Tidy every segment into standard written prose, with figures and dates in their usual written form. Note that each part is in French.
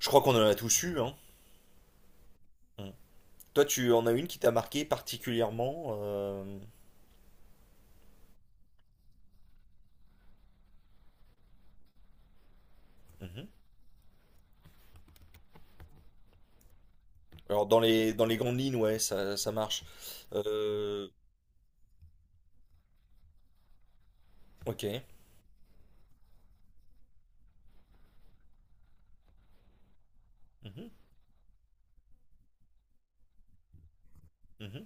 Je crois qu'on en a tous eu. Hein. Mm. Toi, tu en as une qui t'a marqué particulièrement mhm. Alors, dans les grandes lignes, ouais, ça marche. Euh, ok. Mhm, mhm,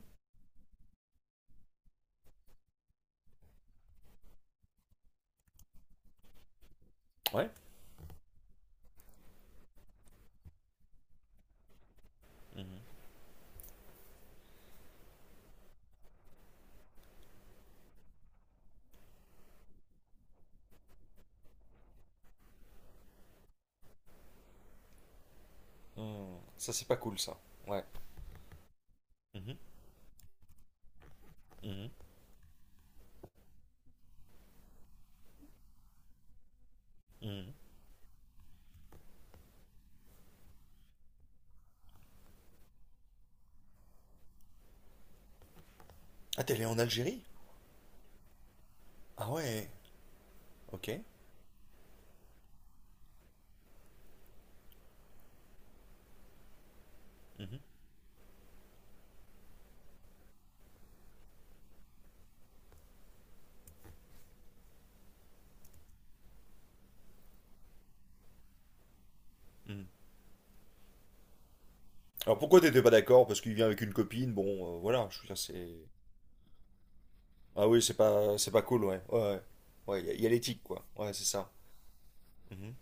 Ouais. Mhm. Mm. Ça, c'est pas cool, ça. Ouais. Mhm, mhm, mhm. Ah, t'es allé en Algérie? Ah ouais. Ok. Mhm, mhm. Alors, pourquoi t'étais pas d'accord? Parce qu'il vient avec une copine. Bon, voilà, je veux dire, c'est... Ah oui, c'est pas cool, ouais. Ouais, ouais. Ouais, il y a, y a l'éthique, quoi. Ouais, c'est ça. Mhm.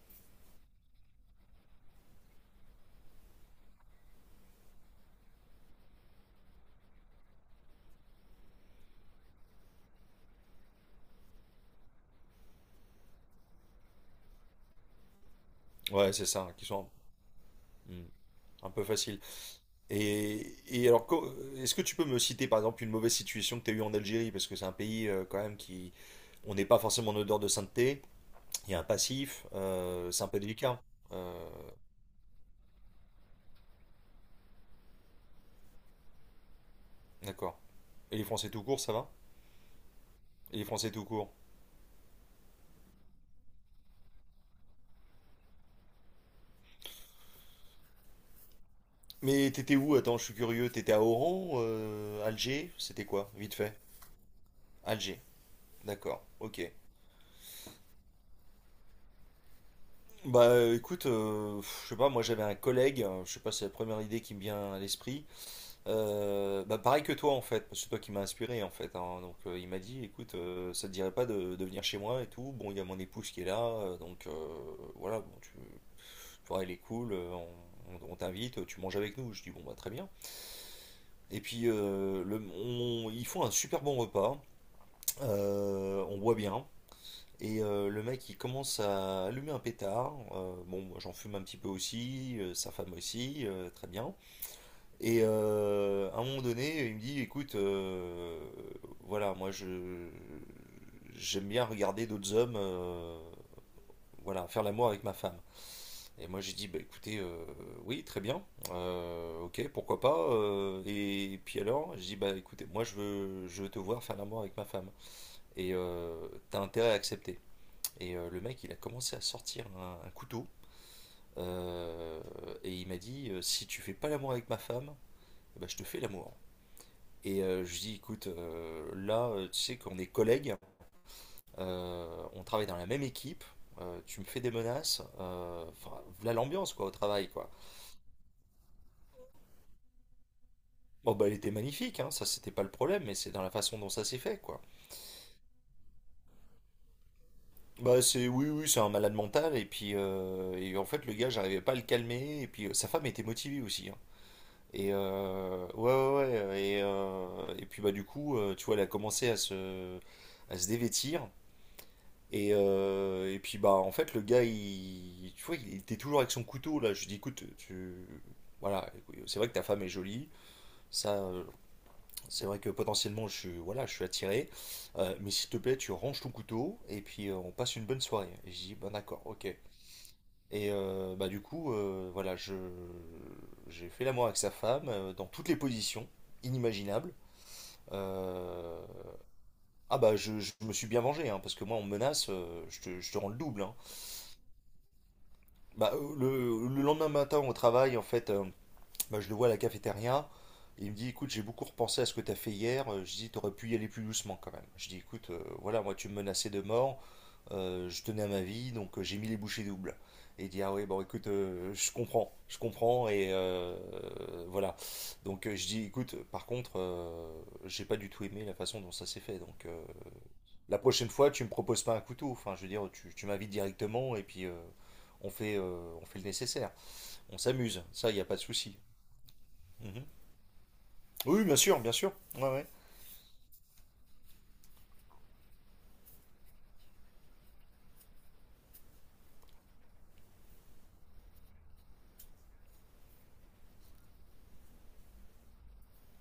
Ouais, c'est ça, qui sont... Mm. Un peu facile. Et alors, est-ce que tu peux me citer par exemple une mauvaise situation que tu as eue en Algérie? Parce que c'est un pays quand même qui. On n'est pas forcément en odeur de sainteté, il y a un passif, c'est un peu délicat. Euh, d'accord. Et les Français tout court, ça va? Et les Français tout court. Mais t'étais où? Attends, je suis curieux. T'étais à Oran, Alger? C'était quoi? Vite fait. Alger. D'accord. Ok. Bah écoute, je sais pas, moi j'avais un collègue, je sais pas, c'est la première idée qui me vient à l'esprit. Bah pareil que toi en fait, parce que c'est toi qui m'as inspiré en fait, hein. Donc il m'a dit, écoute, ça te dirait pas de venir chez moi et tout. Bon, il y a mon épouse qui est là, donc voilà, bon, tu vois, elle est cool, on, on t'invite, tu manges avec nous. Je dis bon bah très bien. Et puis ils font un super bon repas, on boit bien. Et le mec il commence à allumer un pétard. Bon, moi j'en fume un petit peu aussi, sa femme aussi, très bien. Et à un moment donné, il me dit, écoute, voilà, moi je j'aime bien regarder d'autres hommes, voilà, faire l'amour avec ma femme. Et moi j'ai dit, bah écoutez, oui, très bien, ok, pourquoi pas. Et puis alors, j'ai dit, bah écoutez, moi je veux te voir faire l'amour avec ma femme. Et t'as intérêt à accepter. Et le mec, il a commencé à sortir un couteau. euh, et il m'a dit, si tu fais pas l'amour avec ma femme, bah, je te fais l'amour. Et je dis, écoute, là, tu sais qu'on est collègues, on travaille dans la même équipe, tu me fais des menaces, enfin, voilà l'ambiance, quoi, au travail, quoi. Bon, bah, elle était magnifique, hein, ça, c'était pas le problème, mais c'est dans la façon dont ça s'est fait, quoi. Bah, c'est, oui, oui, c'est un malade mental, et puis, et en fait, le gars, j'arrivais pas à le calmer, et puis, sa femme était motivée aussi, hein. Et, et puis, bah, du coup, tu vois, elle a commencé à se dévêtir. Et puis bah en fait le gars il tu vois il était toujours avec son couteau là je lui dis écoute tu voilà c'est vrai que ta femme est jolie ça c'est vrai que potentiellement je suis voilà je suis attiré mais s'il te plaît tu ranges ton couteau et puis on passe une bonne soirée et je dis bah d'accord ok et bah du coup voilà je j'ai fait l'amour avec sa femme dans toutes les positions inimaginables. Euh, je me suis bien vengé hein, parce que moi on me menace je te rends le double hein. Bah, le lendemain matin au travail, en fait, bah, je le vois à la cafétéria. Il me dit, écoute, j'ai beaucoup repensé à ce que t'as fait hier. Je dis, t'aurais pu y aller plus doucement quand même. Je dis, écoute, voilà, moi tu me menaçais de mort. Je tenais à ma vie, donc j'ai mis les bouchées doubles. Et il dit, ah oui, bon, écoute, je comprends, je comprends. Et voilà. Donc je dis, écoute, par contre, j'ai pas du tout aimé la façon dont ça s'est fait. Donc la prochaine fois, tu me proposes pas un couteau. Enfin, je veux dire, tu m'invites directement et puis on fait le nécessaire. On s'amuse. Ça, il n'y a pas de souci. Mhm. Oui, bien sûr, bien sûr. Ouais, ouais.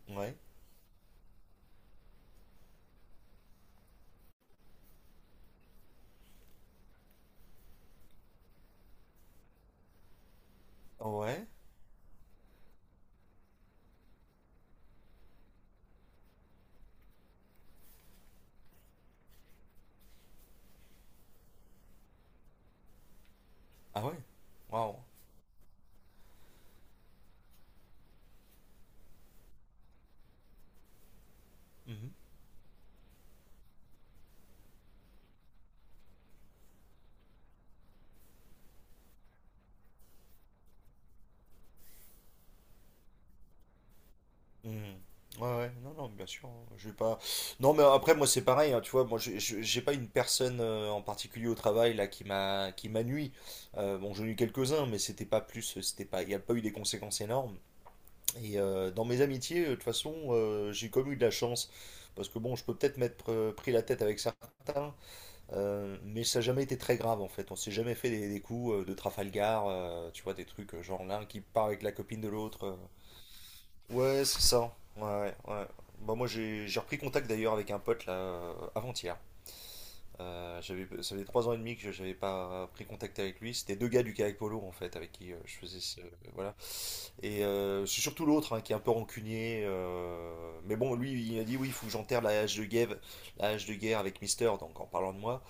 Ouais. Oh, Ouais. Ah ouais. Waouh. Mhm. Mhm. Ouais, ouais. Non, non, bien sûr. Je vais pas. Non, mais après, moi, c'est pareil, hein, tu vois, moi, j'ai pas une personne en particulier au travail là qui m'a nui. Bon, j'en ai eu quelques-uns, mais c'était pas plus. C'était pas. Il n'y a pas eu des conséquences énormes. Et dans mes amitiés, de toute façon, j'ai comme eu de la chance. Parce que bon, je peux peut-être m'être pris la tête avec certains, mais ça n'a jamais été très grave en fait. On s'est jamais fait des coups de Trafalgar, tu vois, des trucs genre l'un qui part avec la copine de l'autre. Ouais, c'est ça. Ouais, ouais. Ouais. Bah, moi, j'ai repris contact d'ailleurs avec un pote là avant-hier. Ça faisait 3 ans et demi que je n'avais pas pris contact avec lui. C'était deux gars du Kayak Polo en fait, avec qui je faisais ce, voilà. Et c'est surtout l'autre hein, qui est un peu rancunier. Mais bon, lui, il a dit oui, il faut que j'enterre la hache de guerre, la hache de guerre avec Mister, donc en parlant de moi.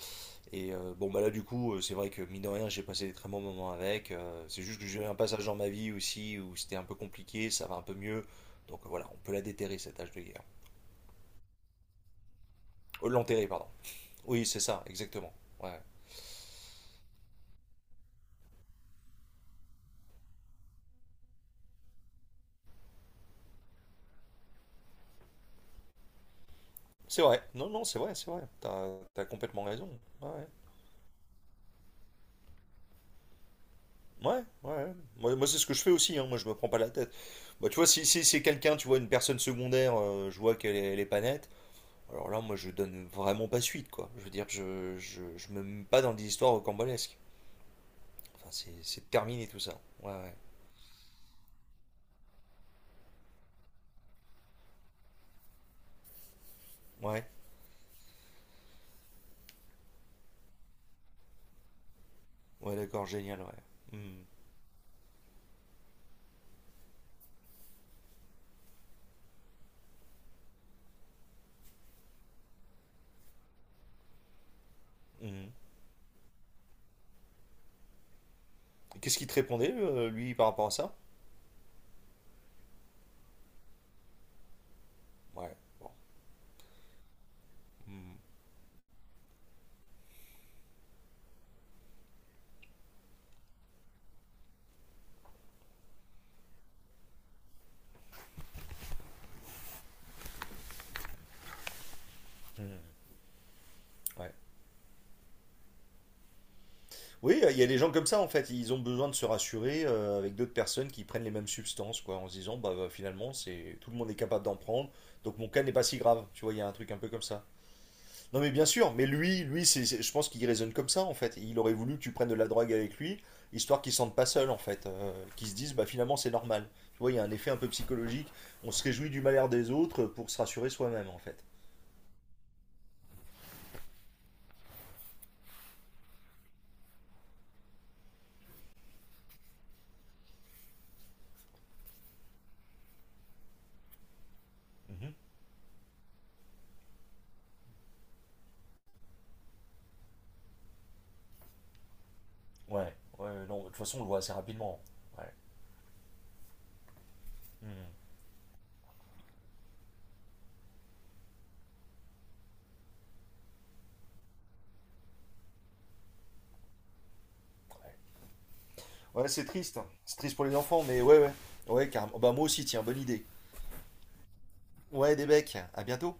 Et bon, bah là, du coup, c'est vrai que mine de rien, j'ai passé des très bons moments avec. C'est juste que j'ai eu un passage dans ma vie aussi où c'était un peu compliqué, ça va un peu mieux. Donc voilà, on peut la déterrer, cette hache de guerre. L'enterrer, pardon. Oui, c'est ça, exactement. Ouais. C'est vrai. Non, non, c'est vrai, c'est vrai. T'as, t'as complètement raison. Ouais, ouais. Ouais, ouais. Moi, moi, c'est ce que je fais aussi, hein. Moi, je me prends pas la tête. Bah, tu vois, si, si c'est quelqu'un, tu vois, une personne secondaire, je vois qu'elle est, elle est pas nette, alors là, moi, je donne vraiment pas suite, quoi. Je veux dire, je me mets pas dans des histoires rocambolesques. Enfin, c'est terminé tout ça. Ouais, ouais. Ouais, ouais, d'accord, génial, ouais. Hmm, hmm. Et qu'est-ce qu'il te répondait, lui, par rapport à ça? Ouais, bon. Hmm, hmm, Ouais. Oui, il y a des gens comme ça en fait, ils ont besoin de se rassurer avec d'autres personnes qui prennent les mêmes substances, quoi, en se disant finalement c'est tout le monde est capable d'en prendre, donc mon cas n'est pas si grave, tu vois, il y a un truc un peu comme ça. Non mais bien sûr, mais lui, je pense qu'il raisonne comme ça en fait, il aurait voulu que tu prennes de la drogue avec lui, histoire qu'il se sente pas seul en fait, qu'il se dise bah finalement c'est normal, tu vois, il y a un effet un peu psychologique, on se réjouit du malheur des autres pour se rassurer soi-même en fait. Mhm. Ouais, ouais, non, de toute façon on le voit assez rapidement. Ouais. Mhm. Ouais. Ouais, c'est triste. C'est triste pour les enfants, mais ouais, ouais. Ouais, carrément. Bah, moi aussi, tiens, bonne idée. Ouais, des becs, à bientôt.